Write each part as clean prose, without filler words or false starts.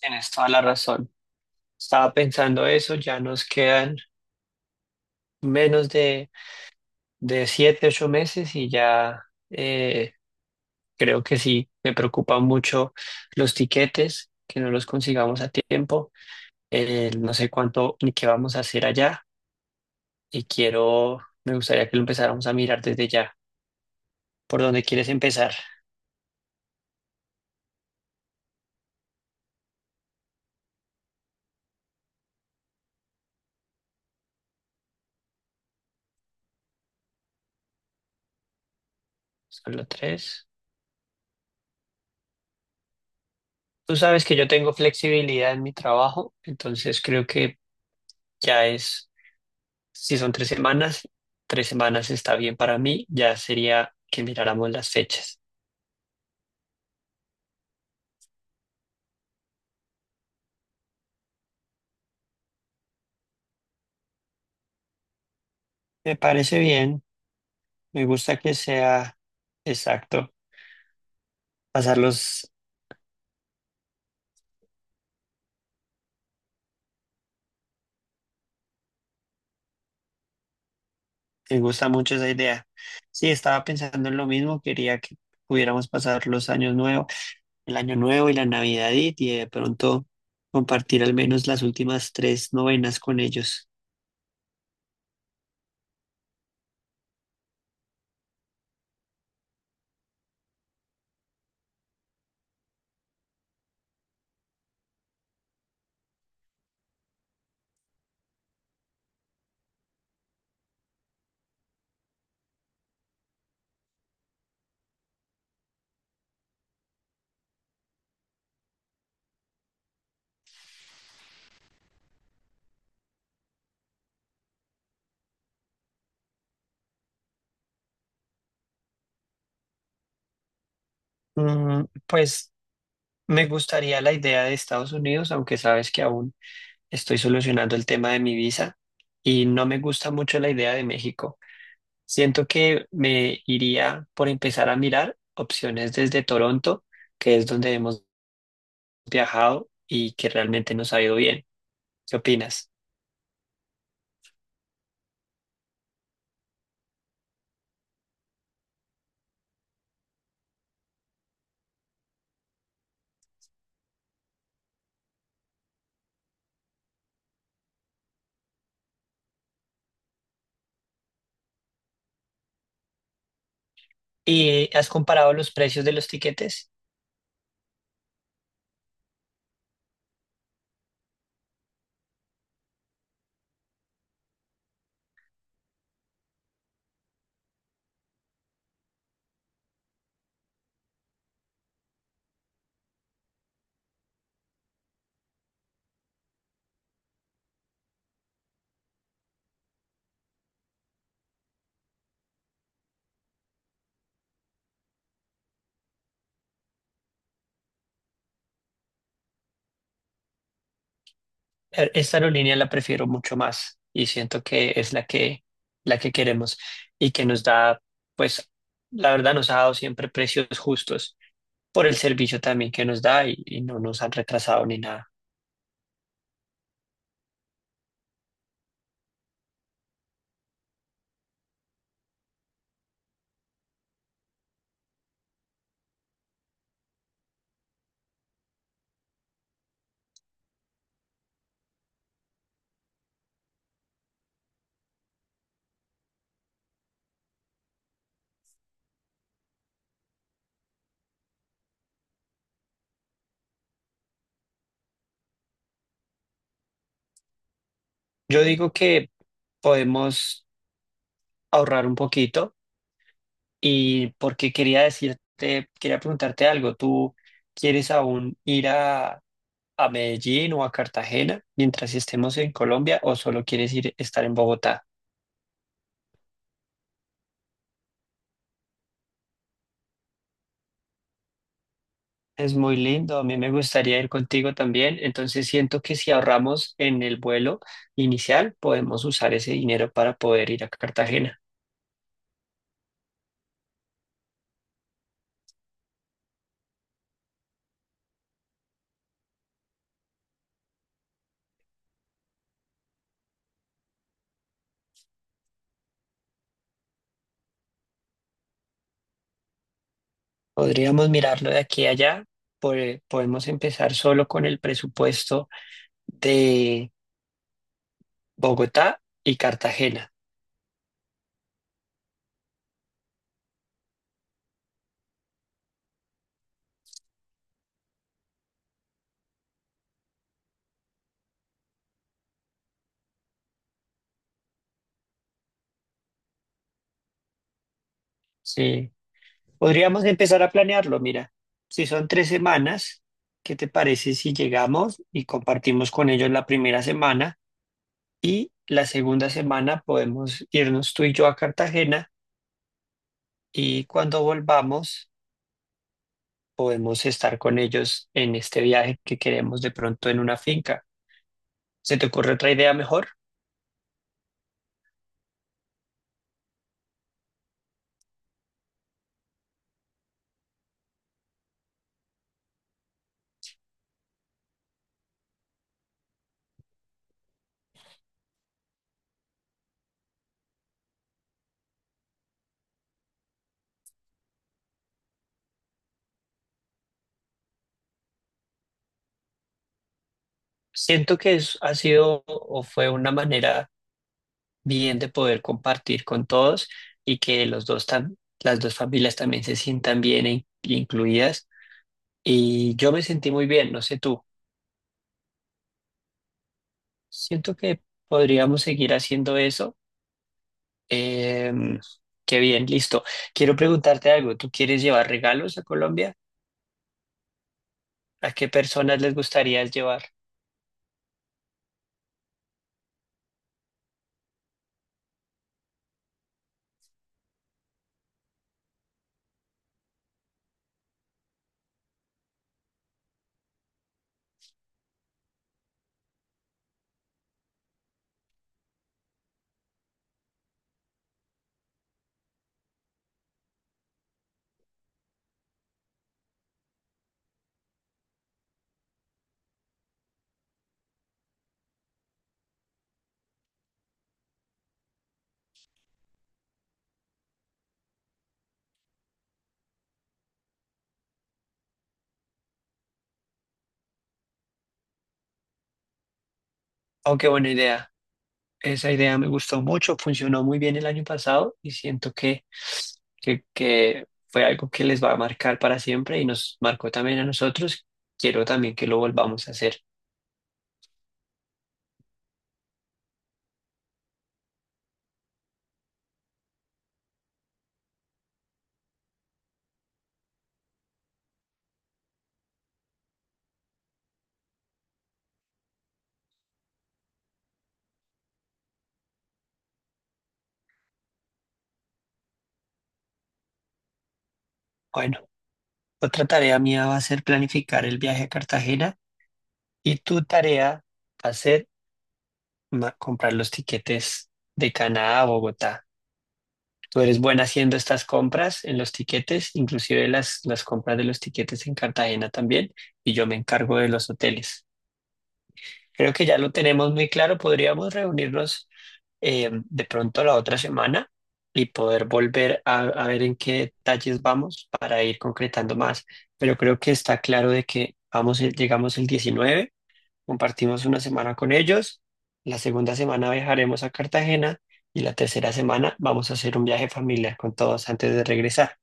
Tienes toda la razón. Estaba pensando eso, ya nos quedan menos de 7, 8 meses y ya eh, creo que sí, me preocupan mucho los tiquetes, que no los consigamos a tiempo. No sé cuánto ni qué vamos a hacer allá y quiero, me gustaría que lo empezáramos a mirar desde ya. ¿Por dónde quieres empezar? Solo tres. Tú sabes que yo tengo flexibilidad en mi trabajo, entonces creo que ya es. Si son 3 semanas, 3 semanas está bien para mí. Ya sería que miráramos las fechas. Me parece bien. Me gusta que sea exacto. Pasarlos, me gusta mucho esa idea. Sí, estaba pensando en lo mismo. Quería que pudiéramos pasar los años nuevos, el año nuevo y la Navidad y de pronto compartir al menos las últimas tres novenas con ellos. Mm, pues me gustaría la idea de Estados Unidos, aunque sabes que aún estoy solucionando el tema de mi visa y no me gusta mucho la idea de México. Siento que me iría por empezar a mirar opciones desde Toronto, que es donde hemos viajado y que realmente nos ha ido bien. ¿Qué opinas? ¿Y has comparado los precios de los tiquetes? Esta aerolínea la prefiero mucho más y siento que es la que queremos y que nos da, pues, la verdad nos ha dado siempre precios justos, por el servicio también que nos da y no nos han retrasado ni nada. Yo digo que podemos ahorrar un poquito y porque quería preguntarte algo. ¿Tú quieres aún ir a Medellín o a Cartagena mientras estemos en Colombia o solo quieres ir estar en Bogotá? Es muy lindo, a mí me gustaría ir contigo también, entonces siento que si ahorramos en el vuelo inicial podemos usar ese dinero para poder ir a Cartagena. Podríamos mirarlo de aquí a allá. Podemos empezar solo con el presupuesto de Bogotá y Cartagena. Sí. Podríamos empezar a planearlo, mira. Si son tres semanas, ¿qué te parece si llegamos y compartimos con ellos la primera semana? Y la segunda semana podemos irnos tú y yo a Cartagena y cuando volvamos podemos estar con ellos en este viaje que queremos de pronto en una finca. ¿Se te ocurre otra idea mejor? Siento que ha sido o fue una manera bien de poder compartir con todos y que las dos familias también se sientan bien incluidas. Y yo me sentí muy bien, no sé tú. Siento que podríamos seguir haciendo eso. Em, Qué bien, listo. Quiero preguntarte algo. ¿Tú quieres llevar regalos a Colombia? ¿A qué personas les gustaría llevar? Oh, qué buena idea. Esa idea me gustó mucho, funcionó muy bien el año pasado y siento que fue algo que les va a marcar para siempre y nos marcó también a nosotros. Quiero también que lo volvamos a hacer. Bueno, otra tarea mía va a ser planificar el viaje a Cartagena y tu tarea va a ser comprar los tiquetes de Canadá a Bogotá. Tú eres buena haciendo estas compras en los tiquetes, inclusive las compras de los tiquetes en Cartagena también, y yo me encargo de los hoteles. Creo que ya lo tenemos muy claro. Podríamos reunirnos de pronto la otra semana y poder volver a ver en qué detalles vamos para ir concretando más. Pero creo que está claro de que vamos, llegamos el 19, compartimos una semana con ellos, la segunda semana viajaremos a Cartagena y la tercera semana vamos a hacer un viaje familiar con todos antes de regresar.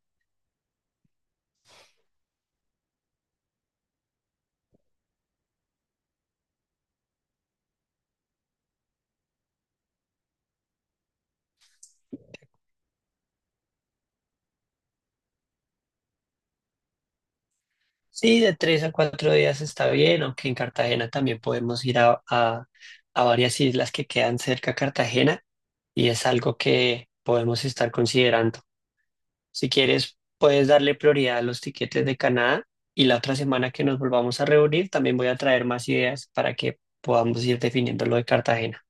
Sí, de 3 a 4 días está bien, aunque en Cartagena también podemos ir a varias islas que quedan cerca a Cartagena y es algo que podemos estar considerando. Si quieres, puedes darle prioridad a los tiquetes de Canadá y la otra semana que nos volvamos a reunir también voy a traer más ideas para que podamos ir definiendo lo de Cartagena.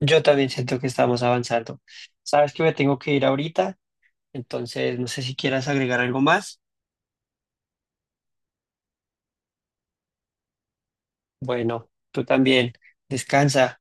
Yo también siento que estamos avanzando. Sabes que me tengo que ir ahorita, entonces no sé si quieras agregar algo más. Bueno, tú también. Descansa.